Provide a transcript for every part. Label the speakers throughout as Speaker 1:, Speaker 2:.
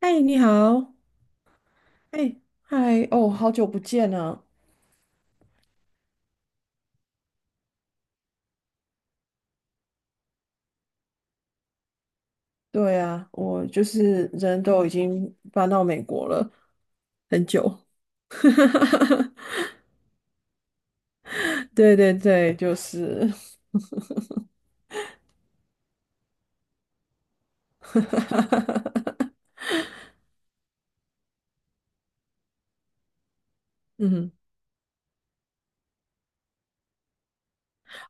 Speaker 1: 嗨，你好，哎，嗨，哦，好久不见啊！对啊，我就是人都已经搬到美国了，很久。对对对，就是，嗯，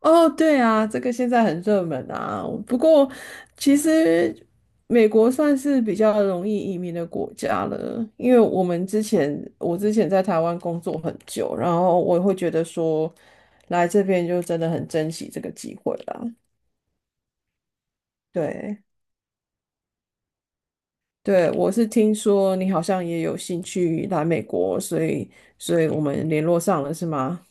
Speaker 1: 哦，对啊，这个现在很热门啊。不过，其实美国算是比较容易移民的国家了，因为我之前在台湾工作很久，然后我会觉得说，来这边就真的很珍惜这个机会啦。对。对，我是听说你好像也有兴趣来美国，所以我们联络上了，是吗？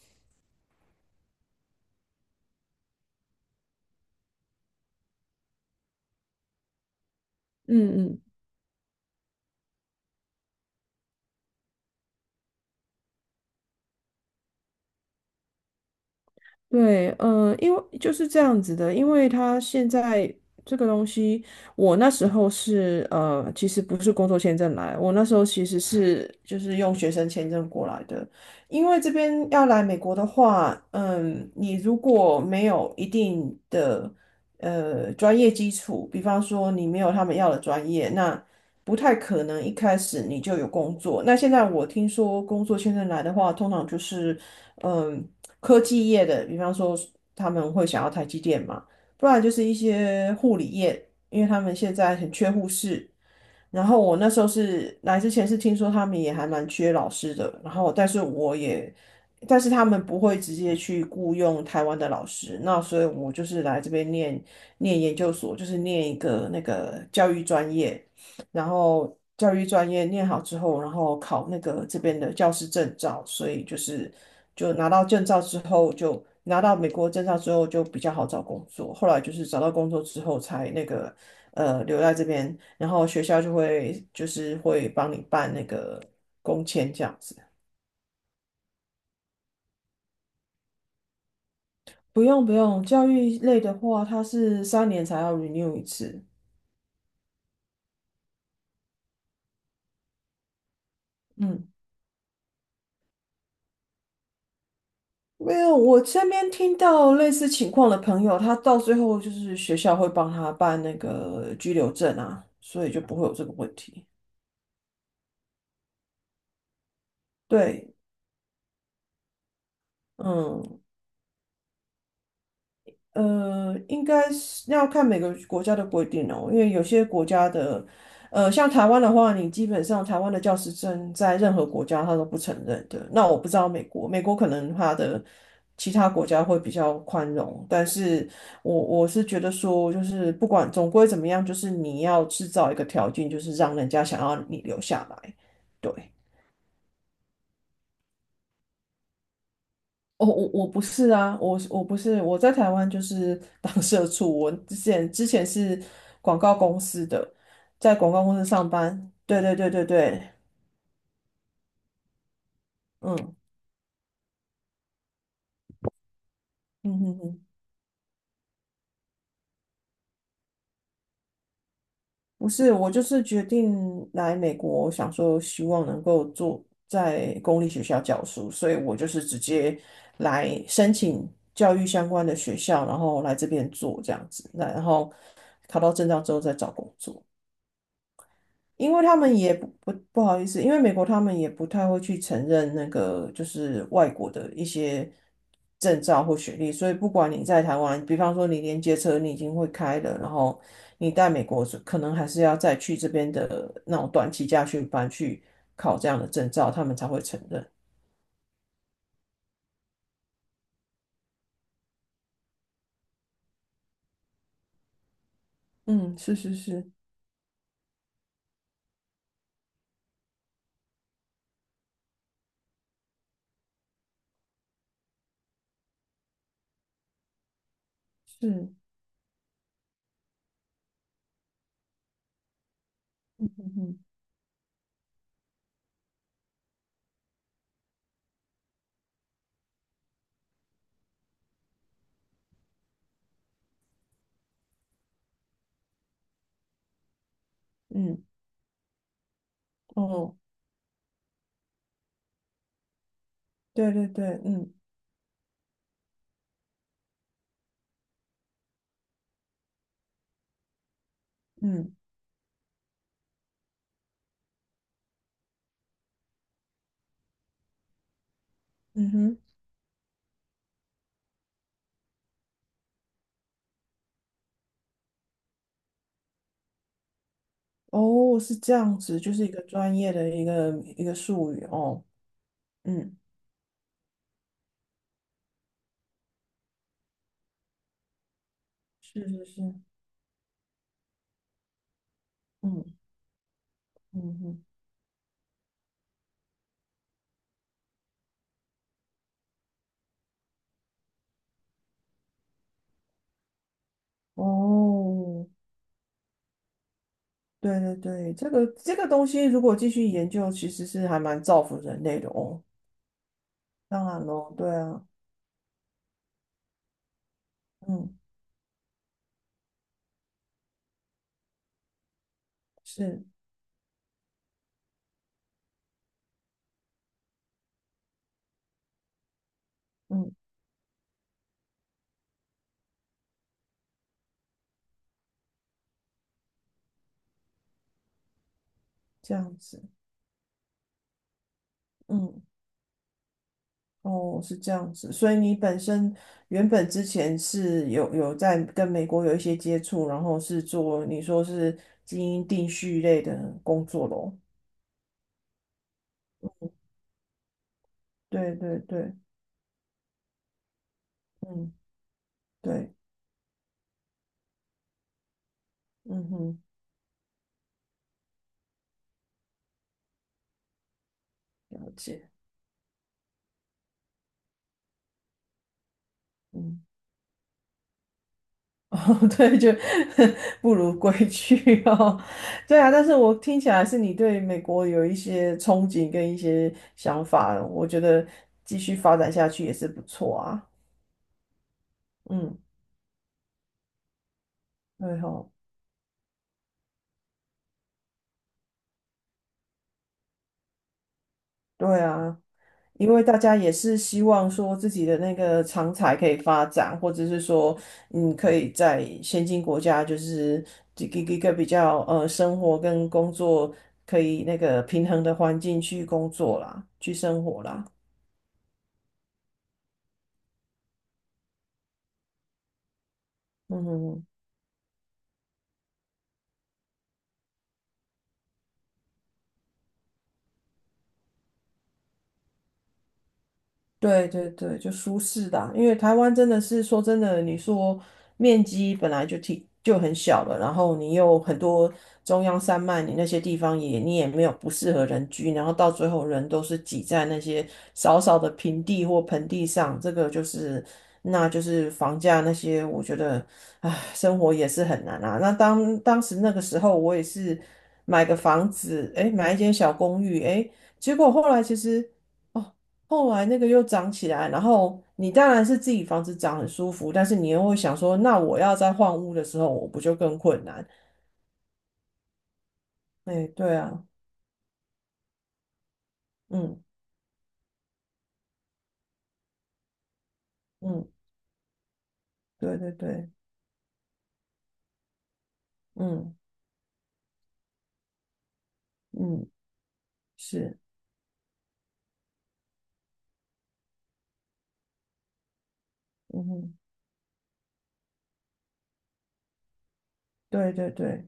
Speaker 1: 嗯嗯。对，嗯，因为就是这样子的，因为他现在这个东西，我那时候是其实不是工作签证来，我那时候其实是就是用学生签证过来的，因为这边要来美国的话，你如果没有一定的专业基础，比方说你没有他们要的专业，那不太可能一开始你就有工作。那现在我听说工作签证来的话，通常就是。嗯，科技业的，比方说他们会想要台积电嘛，不然就是一些护理业，因为他们现在很缺护士，然后我那时候是来之前是听说他们也还蛮缺老师的，然后但是他们不会直接去雇佣台湾的老师，那所以我就是来这边念研究所，就是念一个那个教育专业，然后教育专业念好之后，然后考那个这边的教师证照，所以就拿到证照之后就。拿到美国证照之后就比较好找工作，后来就是找到工作之后才那个留在这边然后学校就会就是会帮你办那个工签这样子。不用不用，教育类的话，它是3年才要 renew 一次。嗯，没有，我身边听到类似情况的朋友，他到最后就是学校会帮他办那个居留证啊，所以就不会有这个问题。对，嗯。应该是那要看每个国家的规定哦，因为有些国家的，像台湾的话，你基本上台湾的教师证在任何国家他都不承认的。那我不知道美国可能他的其他国家会比较宽容，但是我是觉得说，就是不管总归怎么样，就是你要制造一个条件，就是让人家想要你留下来。对，哦，我不是啊，我不是，我在台湾就是 当社畜，我之前是广告公司的，在广告公司上班。对对对对对，嗯嗯嗯嗯，不是，我就是决定来美国，想说希望能够做在公立学校教书，所以我就是直接来申请教育相关的学校，然后来这边做这样子，那然后考到证照之后再找工作。因为他们也不好意思，因为美国他们也不太会去承认那个就是外国的一些证照或学历，所以不管你在台湾，比方说你连接车你已经会开了，然后你在美国是可能还是要再去这边的那种短期家训班去考这样的证照，他们才会承认。嗯，是是是是，嗯哼嗯哦，对对对，嗯嗯嗯哼，哦，是这样子，就是一个专业的一个术语哦。嗯是是是，嗯嗯嗯，哦，对对对，这个东西如果继续研究，其实是还蛮造福人类的哦。当然咯，对啊，嗯，是，嗯，这样子，嗯，哦，是这样子。所以你本身原本之前是有在跟美国有一些接触，然后是做你说是基因定序类的工作咯。对对对，嗯，对，嗯哼，了解，嗯。哦，对，就 不如归去哦。对啊，但是我听起来是你对美国有一些憧憬跟一些想法，我觉得继续发展下去也是不错啊。嗯，对吼，对啊，因为大家也是希望说自己的那个长才可以发展，或者是说，可以在先进国家就是一个比较生活跟工作可以那个平衡的环境去工作啦，去生活啦。嗯哼哼对对对，就舒适的啊因为台湾真的是说真的，你说面积本来就挺就很小了，然后你又很多中央山脉，你那些地方也你也没有不适合人居，然后到最后人都是挤在那些少少的平地或盆地上，这个就是那就是房价那些，我觉得唉，生活也是很难啊。那当时那个时候，我也是买个房子，诶，买一间小公寓，诶，结果后来其实。哦，后来那个又长起来，然后你当然是自己房子长很舒服，但是你又会想说，那我要再换屋的时候，我不就更困难？哎，对啊，嗯嗯，对对对，嗯嗯是，嗯哼对对对，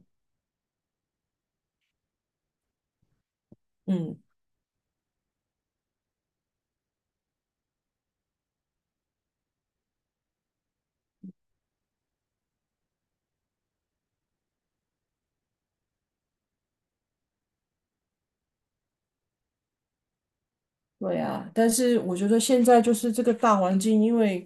Speaker 1: 嗯对啊。但是我觉得现在就是这个大环境，因为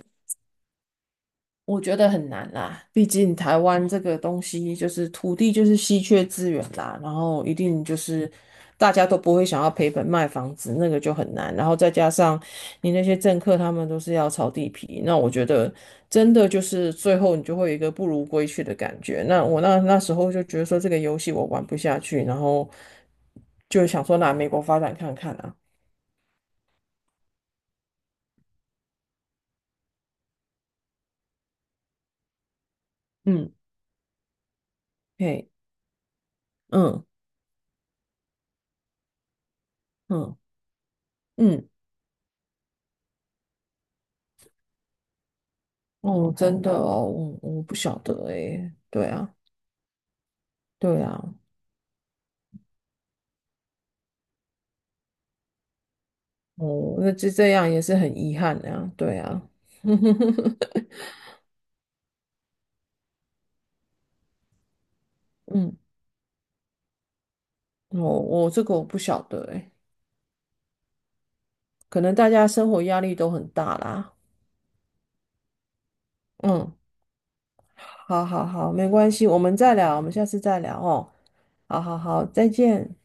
Speaker 1: 我觉得很难啦，毕竟台湾这个东西就是土地就是稀缺资源啦，然后一定就是大家都不会想要赔本卖房子，那个就很难。然后再加上你那些政客他们都是要炒地皮，那我觉得真的就是最后你就会有一个不如归去的感觉。那我那时候就觉得说这个游戏我玩不下去，然后就想说拿美国发展看看啊，嗯，嘿，嗯嗯嗯。哦，真的哦，我不晓得诶，对啊，对啊，哦，那就这样也是很遗憾的呀，对啊，嗯，我这个我不晓得诶，可能大家生活压力都很大啦，嗯，好好好，没关系，我们再聊，我们下次再聊哦，好好好，再见。